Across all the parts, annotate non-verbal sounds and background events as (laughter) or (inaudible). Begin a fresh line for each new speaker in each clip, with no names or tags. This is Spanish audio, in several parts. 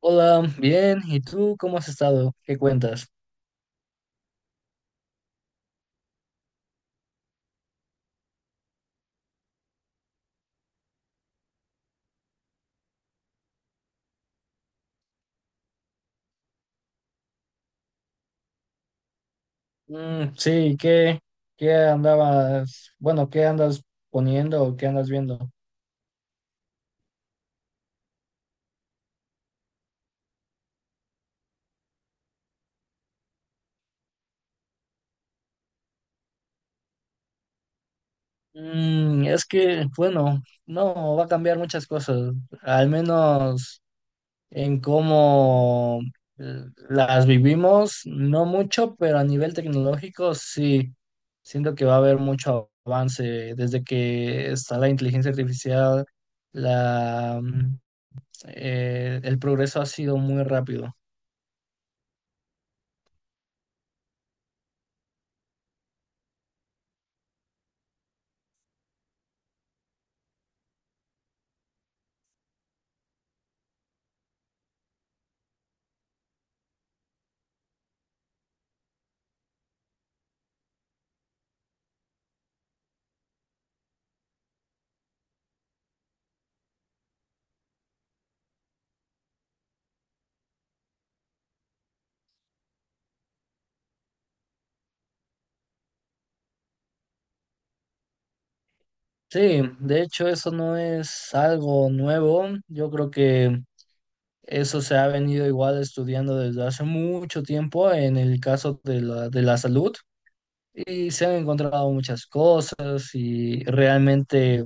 Hola, bien. ¿Y tú cómo has estado? ¿Qué cuentas? Sí, ¿Qué, ¿qué andas poniendo o qué andas viendo? Es que, bueno, no, va a cambiar muchas cosas, al menos en cómo las vivimos, no mucho, pero a nivel tecnológico sí, siento que va a haber mucho avance desde que está la inteligencia artificial, la, mm, el progreso ha sido muy rápido. Sí, de hecho eso no es algo nuevo. Yo creo que eso se ha venido igual estudiando desde hace mucho tiempo en el caso de de la salud y se han encontrado muchas cosas, y realmente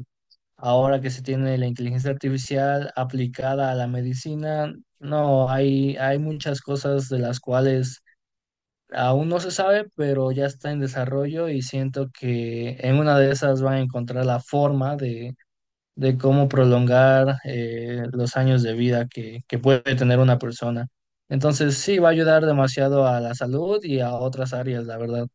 ahora que se tiene la inteligencia artificial aplicada a la medicina, no, hay muchas cosas de las cuales aún no se sabe, pero ya está en desarrollo y siento que en una de esas van a encontrar la forma de cómo prolongar los años de vida que puede tener una persona. Entonces sí, va a ayudar demasiado a la salud y a otras áreas, la verdad.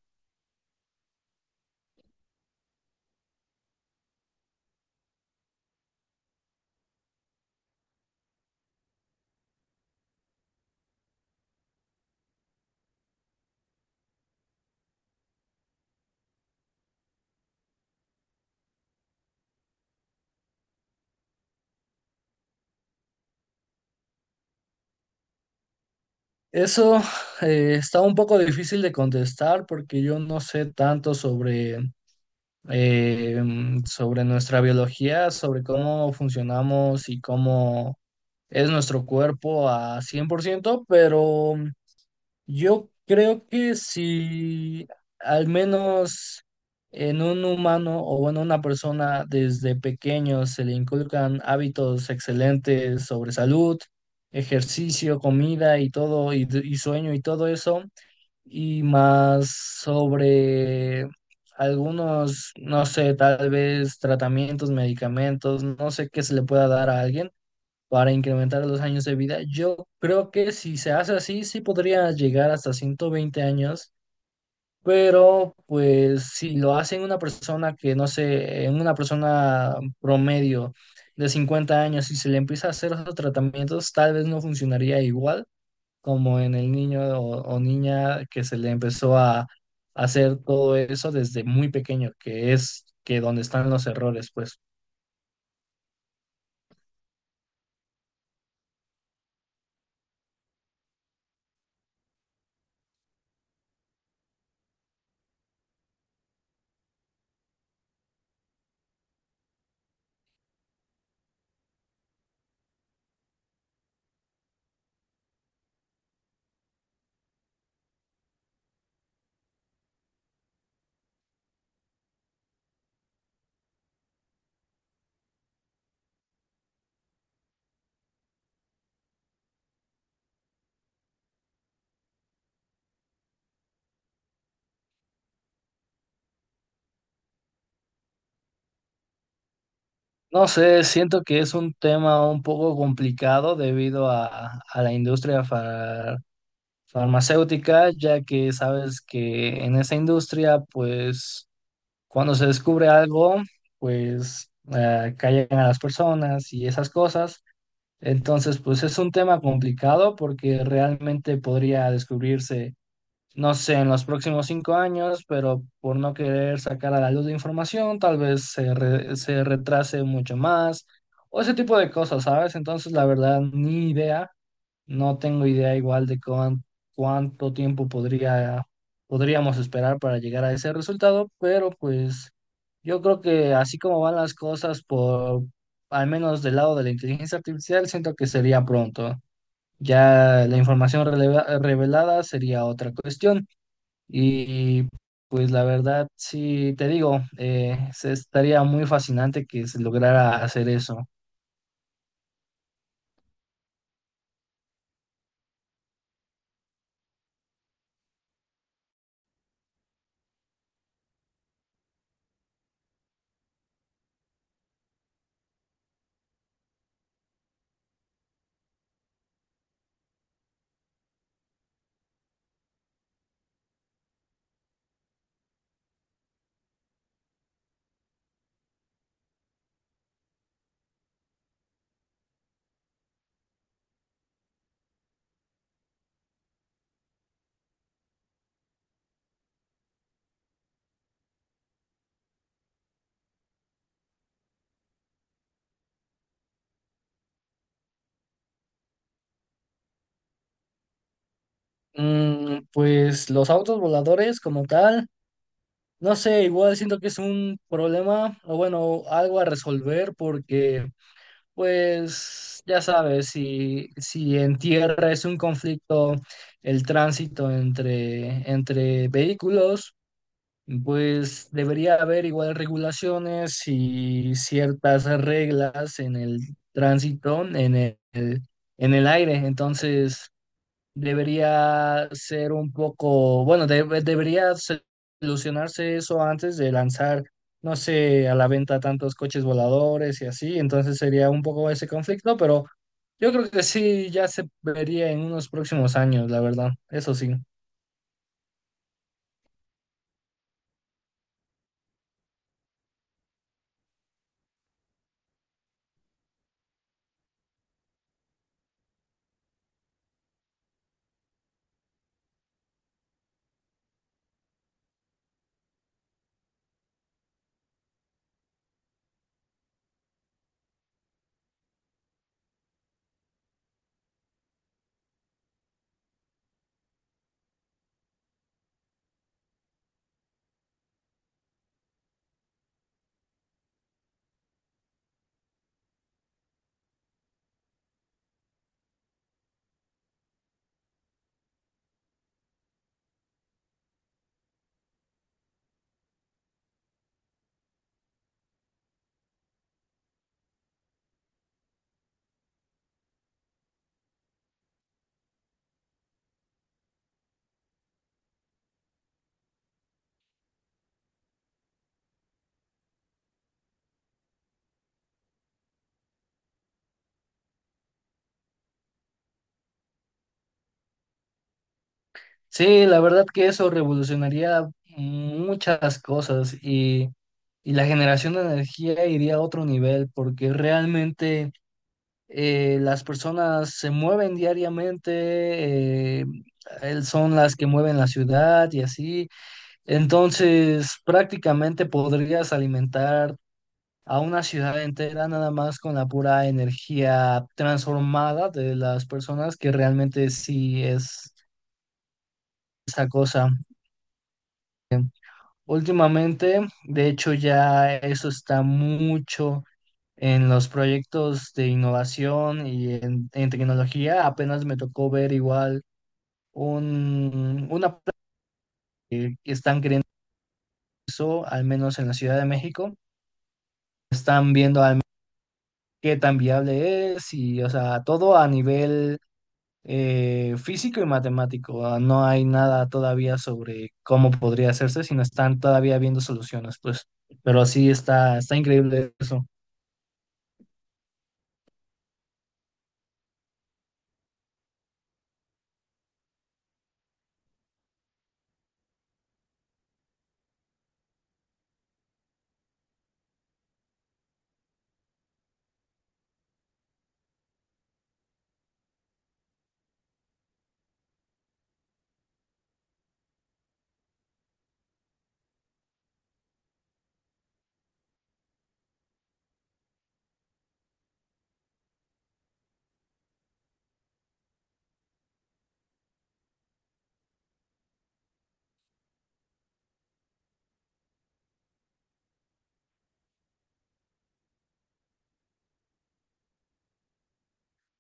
Eso (sighs) está un poco difícil de contestar porque yo no sé tanto eh, sobre nuestra biología, sobre cómo funcionamos y cómo es nuestro cuerpo a 100%, pero yo creo que si al menos en un humano o bueno, una persona desde pequeño se le inculcan hábitos excelentes sobre salud, ejercicio, comida y todo, y sueño y todo eso, y más sobre algunos, no sé, tal vez tratamientos, medicamentos, no sé qué se le pueda dar a alguien para incrementar los años de vida. Yo creo que si se hace así, sí podría llegar hasta 120 años, pero pues si lo hace en una persona que, no sé, en una persona promedio de 50 años y se le empieza a hacer esos tratamientos, tal vez no funcionaría igual como en el niño o niña que se le empezó a hacer todo eso desde muy pequeño, que es que donde están los errores, pues. No sé, siento que es un tema un poco complicado debido a la industria farmacéutica, ya que sabes que en esa industria, pues cuando se descubre algo, pues callan a las personas y esas cosas. Entonces, pues es un tema complicado porque realmente podría descubrirse, no sé, en los próximos 5 años, pero por no querer sacar a la luz de información, tal vez se retrase mucho más, o ese tipo de cosas, ¿sabes? Entonces, la verdad, ni idea, no tengo idea igual de cuánto tiempo podría, podríamos esperar para llegar a ese resultado, pero pues yo creo que así como van las cosas por, al menos del lado de la inteligencia artificial, siento que sería pronto. Ya la información revelada sería otra cuestión. Y pues la verdad, sí, te digo, se estaría muy fascinante que se lograra hacer eso. Pues los autos voladores como tal, no sé, igual siento que es un problema o bueno, algo a resolver porque pues ya sabes, si en tierra es un conflicto el tránsito entre vehículos. Pues debería haber igual regulaciones y ciertas reglas en el tránsito, en el aire. Entonces, debería ser un poco, bueno, debería solucionarse eso antes de lanzar, no sé, a la venta tantos coches voladores y así. Entonces sería un poco ese conflicto, pero yo creo que sí, ya se vería en unos próximos años, la verdad. Eso sí. Sí, la verdad que eso revolucionaría muchas y la generación de energía iría a otro nivel porque realmente las personas se mueven diariamente, son las que mueven la ciudad y así. Entonces, prácticamente podrías alimentar a una ciudad entera nada más con la pura energía transformada de las personas, que realmente sí es esa cosa. Últimamente, de hecho, ya eso está mucho en los proyectos de innovación y en tecnología. Apenas me tocó ver igual un, una pla- que están queriendo eso, al menos en la Ciudad de México. Están viendo qué tan viable es y, o sea, todo a nivel físico y matemático. Ah, no hay nada todavía sobre cómo podría hacerse, sino están todavía viendo soluciones, pues. Pero está increíble eso.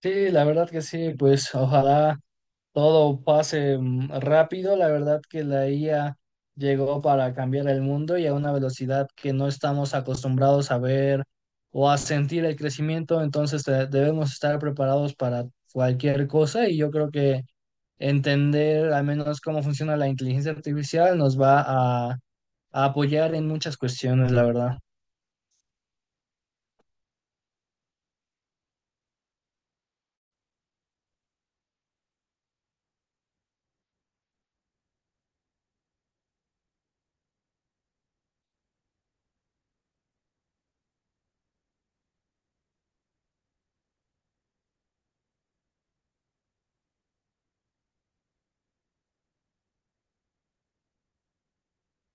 Sí, la verdad que sí, pues ojalá todo pase rápido. La verdad que la IA llegó para cambiar el mundo y a una velocidad que no estamos acostumbrados a ver o a sentir el crecimiento. Entonces debemos estar preparados para cualquier cosa, y yo creo que entender al menos cómo funciona la inteligencia artificial nos va a, a apoyar en muchas cuestiones, la verdad.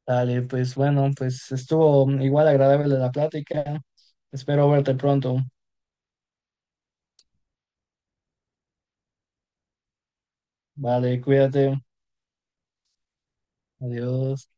Dale, pues bueno, pues estuvo igual agradable la plática. Espero verte pronto. Vale, cuídate. Adiós.